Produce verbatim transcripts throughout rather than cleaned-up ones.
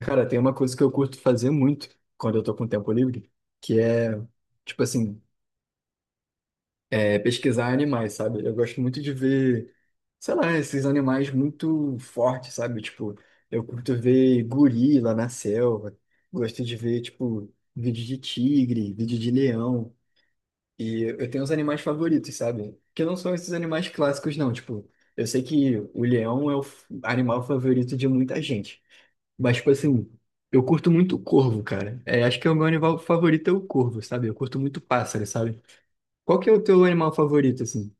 Cara, tem uma coisa que eu curto fazer muito quando eu tô com tempo livre, que é, tipo assim, é, pesquisar animais, sabe? Eu gosto muito de ver, sei lá, esses animais muito fortes, sabe? Tipo, eu curto ver gorila na selva, gosto de ver, tipo, vídeo de tigre, vídeo de leão, e eu tenho os animais favoritos, sabe? Que não são esses animais clássicos, não, tipo, eu sei que o leão é o f- animal favorito de muita gente. Mas, tipo assim, eu curto muito corvo, cara. É, acho que é o meu animal favorito é o corvo, sabe? Eu curto muito pássaro, sabe? Qual que é o teu animal favorito, assim?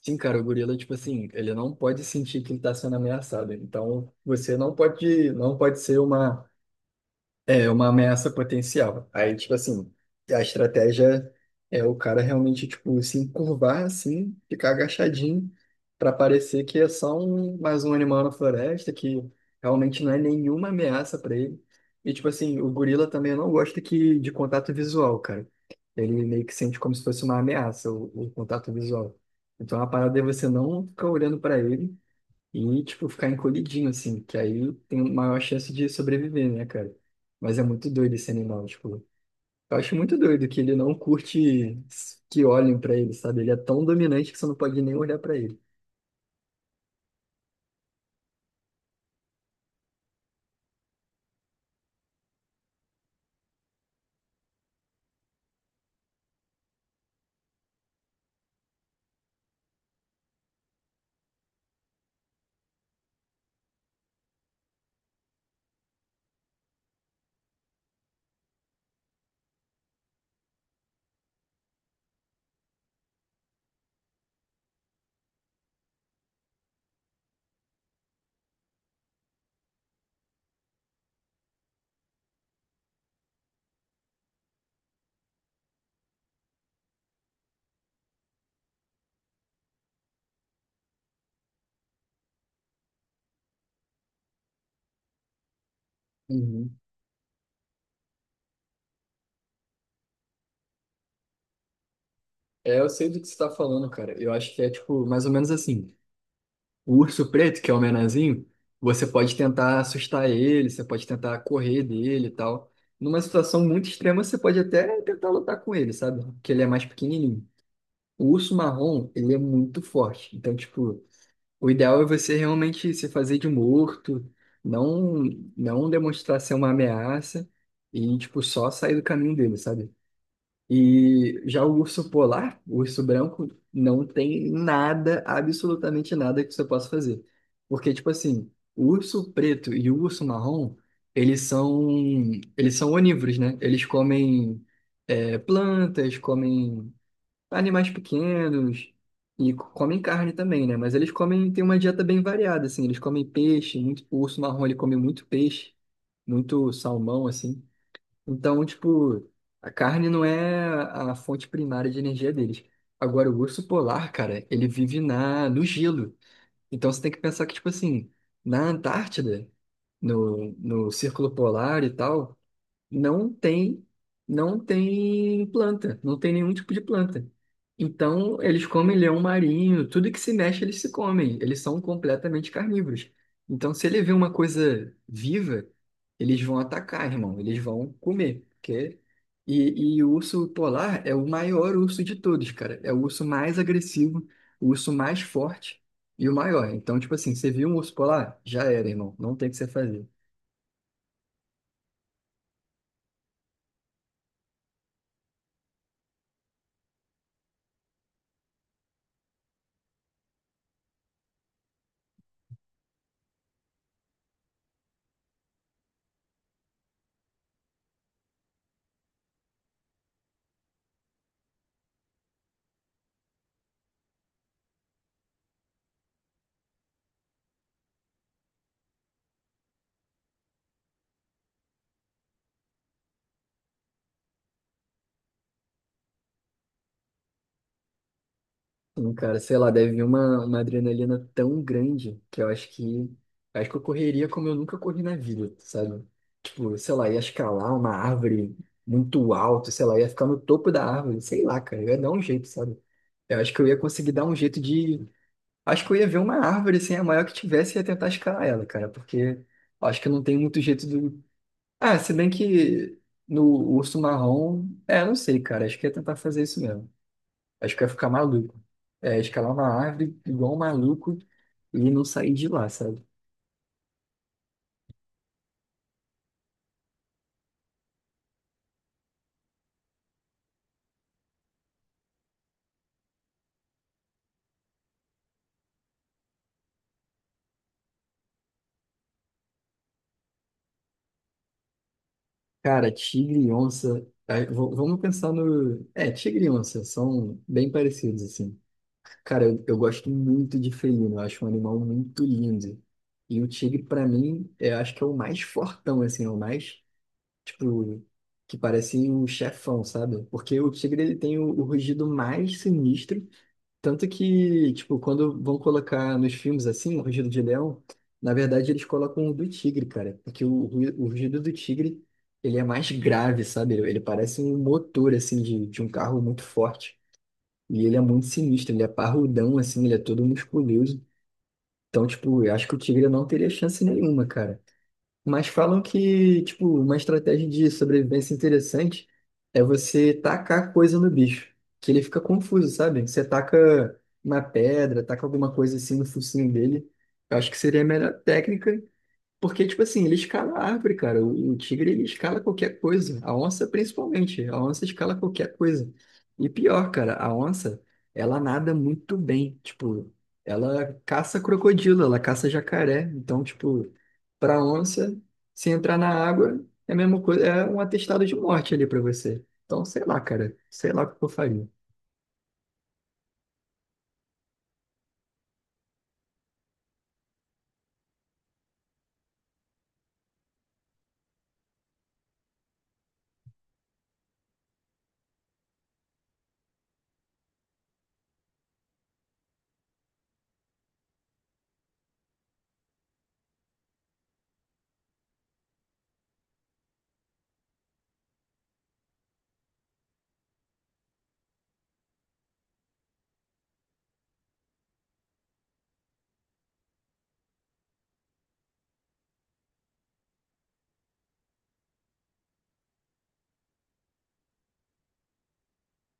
Sim, cara, o gorila, tipo assim, ele não pode sentir que ele tá sendo ameaçado. Então, você não pode, não pode ser uma. É uma ameaça potencial. Aí, tipo assim, a estratégia é o cara realmente, tipo, se encurvar assim, ficar agachadinho, para parecer que é só um, mais um animal na floresta, que realmente não é nenhuma ameaça para ele. E, tipo assim, o gorila também não gosta que, de contato visual, cara. Ele meio que sente como se fosse uma ameaça, o, o contato visual. Então, a parada é você não ficar olhando para ele, e, tipo, ficar encolhidinho, assim, que aí tem maior chance de sobreviver, né, cara? Mas é muito doido esse animal, tipo, eu acho muito doido que ele não curte que olhem pra ele, sabe? Ele é tão dominante que você não pode nem olhar pra ele. Uhum. É, eu sei do que você tá falando, cara. Eu acho que é, tipo, mais ou menos assim. O urso preto, que é o menorzinho, você pode tentar assustar ele, você pode tentar correr dele e tal. Numa situação muito extrema, você pode até tentar lutar com ele, sabe? Porque ele é mais pequenininho. O urso marrom, ele é muito forte. Então, tipo, o ideal é você realmente se fazer de morto, não não demonstrar ser uma ameaça e, tipo, só sair do caminho dele, sabe? E já o urso polar, o urso branco, não tem nada, absolutamente nada que você possa fazer. Porque, tipo assim, o urso preto e o urso marrom, eles são, eles são onívoros, né? Eles comem, é, plantas, comem animais pequenos e co- comem carne também, né? Mas eles comem, tem uma dieta bem variada, assim. Eles comem peixe, muito, o urso marrom ele come muito peixe, muito salmão, assim. Então, tipo, a carne não é a fonte primária de energia deles. Agora, o urso polar, cara, ele vive na, no gelo. Então, você tem que pensar que, tipo assim, na Antártida, no, no Círculo Polar e tal, não tem, não tem planta, não tem nenhum tipo de planta. Então, eles comem leão marinho, tudo que se mexe eles se comem, eles são completamente carnívoros. Então, se ele vê uma coisa viva, eles vão atacar, irmão, eles vão comer, porque... E, e o urso polar é o maior urso de todos, cara. É o urso mais agressivo, o urso mais forte e o maior. Então, tipo assim, você viu um urso polar? Já era, irmão. Não tem o que você fazer. Sim, cara, sei lá, deve vir uma, uma adrenalina tão grande que eu acho que acho que eu correria como eu nunca corri na vida, sabe? Tipo, sei lá, ia escalar uma árvore muito alto, sei lá, ia ficar no topo da árvore, sei lá, cara, eu ia dar um jeito, sabe? Eu acho que eu ia conseguir dar um jeito de. Acho que eu ia ver uma árvore assim, a maior que tivesse, e ia tentar escalar ela, cara, porque eu acho que não tem muito jeito do. Ah, se bem que no urso marrom, é, não sei, cara, acho que ia tentar fazer isso mesmo. Acho que eu ia ficar maluco. É, escalar uma árvore igual um maluco e não sair de lá, sabe? Cara, tigre e onça. Aí, v- vamos pensar no. É, tigre e onça são bem parecidos, assim. Cara, eu, eu gosto muito de felino, eu acho um animal muito lindo. E o tigre, pra mim, eu acho que é o mais fortão, assim, é o mais, tipo, que parece um chefão, sabe? Porque o tigre, ele tem o o rugido mais sinistro. Tanto que, tipo, quando vão colocar nos filmes assim, o rugido de leão, na verdade eles colocam o do tigre, cara. Porque o, ru- o rugido do tigre, ele é mais grave, sabe? Ele, ele parece um motor, assim, de, de um carro muito forte. E ele é muito sinistro, ele é parrudão, assim, ele é todo musculoso. Então, tipo, eu acho que o tigre não teria chance nenhuma, cara. Mas falam que, tipo, uma estratégia de sobrevivência interessante é você tacar coisa no bicho, que ele fica confuso, sabe? Você taca uma pedra, taca alguma coisa assim no focinho dele. Eu acho que seria a melhor técnica porque, tipo assim, ele escala a árvore, cara. O, o tigre, ele escala qualquer coisa. A onça, principalmente. A onça escala qualquer coisa. E pior, cara, a onça, ela nada muito bem. Tipo, ela caça crocodilo, ela caça jacaré. Então, tipo, pra onça, se entrar na água, é a mesma coisa, é um atestado de morte ali pra você. Então, sei lá, cara. Sei lá o que eu faria.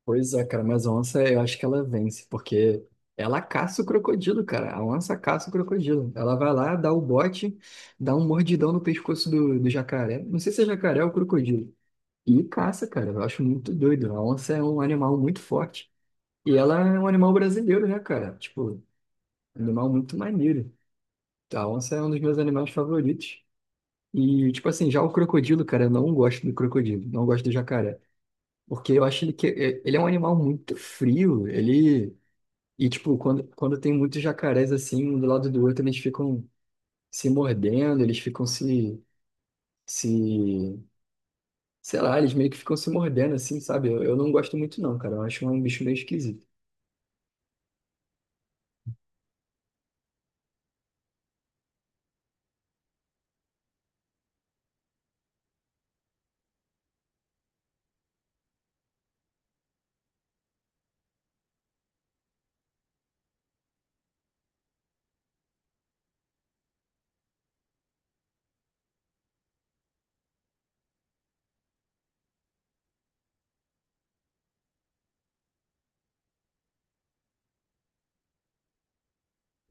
Pois é, cara, mas a onça eu acho que ela vence, porque ela caça o crocodilo, cara. A onça caça o crocodilo. Ela vai lá, dá o bote, dá um mordidão no pescoço do, do jacaré. Não sei se é jacaré ou crocodilo. E caça, cara. Eu acho muito doido. A onça é um animal muito forte. E ela é um animal brasileiro, né, cara? Tipo, um animal muito maneiro. A onça é um dos meus animais favoritos. E, tipo assim, já o crocodilo, cara, eu não gosto do crocodilo, não gosto do jacaré. Porque eu acho ele que é, ele é um animal muito frio. Ele. E, tipo, quando, quando tem muitos jacarés assim, um do lado do outro, eles ficam se mordendo, eles ficam se, se, sei lá, eles meio que ficam se mordendo assim, sabe? Eu, eu não gosto muito não, cara. Eu acho um bicho meio esquisito.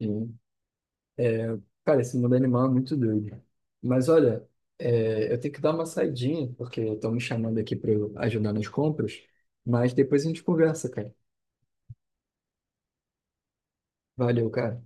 E, é, cara, esse mundo animal é muito doido. Mas olha, é, eu tenho que dar uma saidinha, porque estão me chamando aqui para ajudar nas compras, mas depois a gente conversa, cara. Valeu, cara.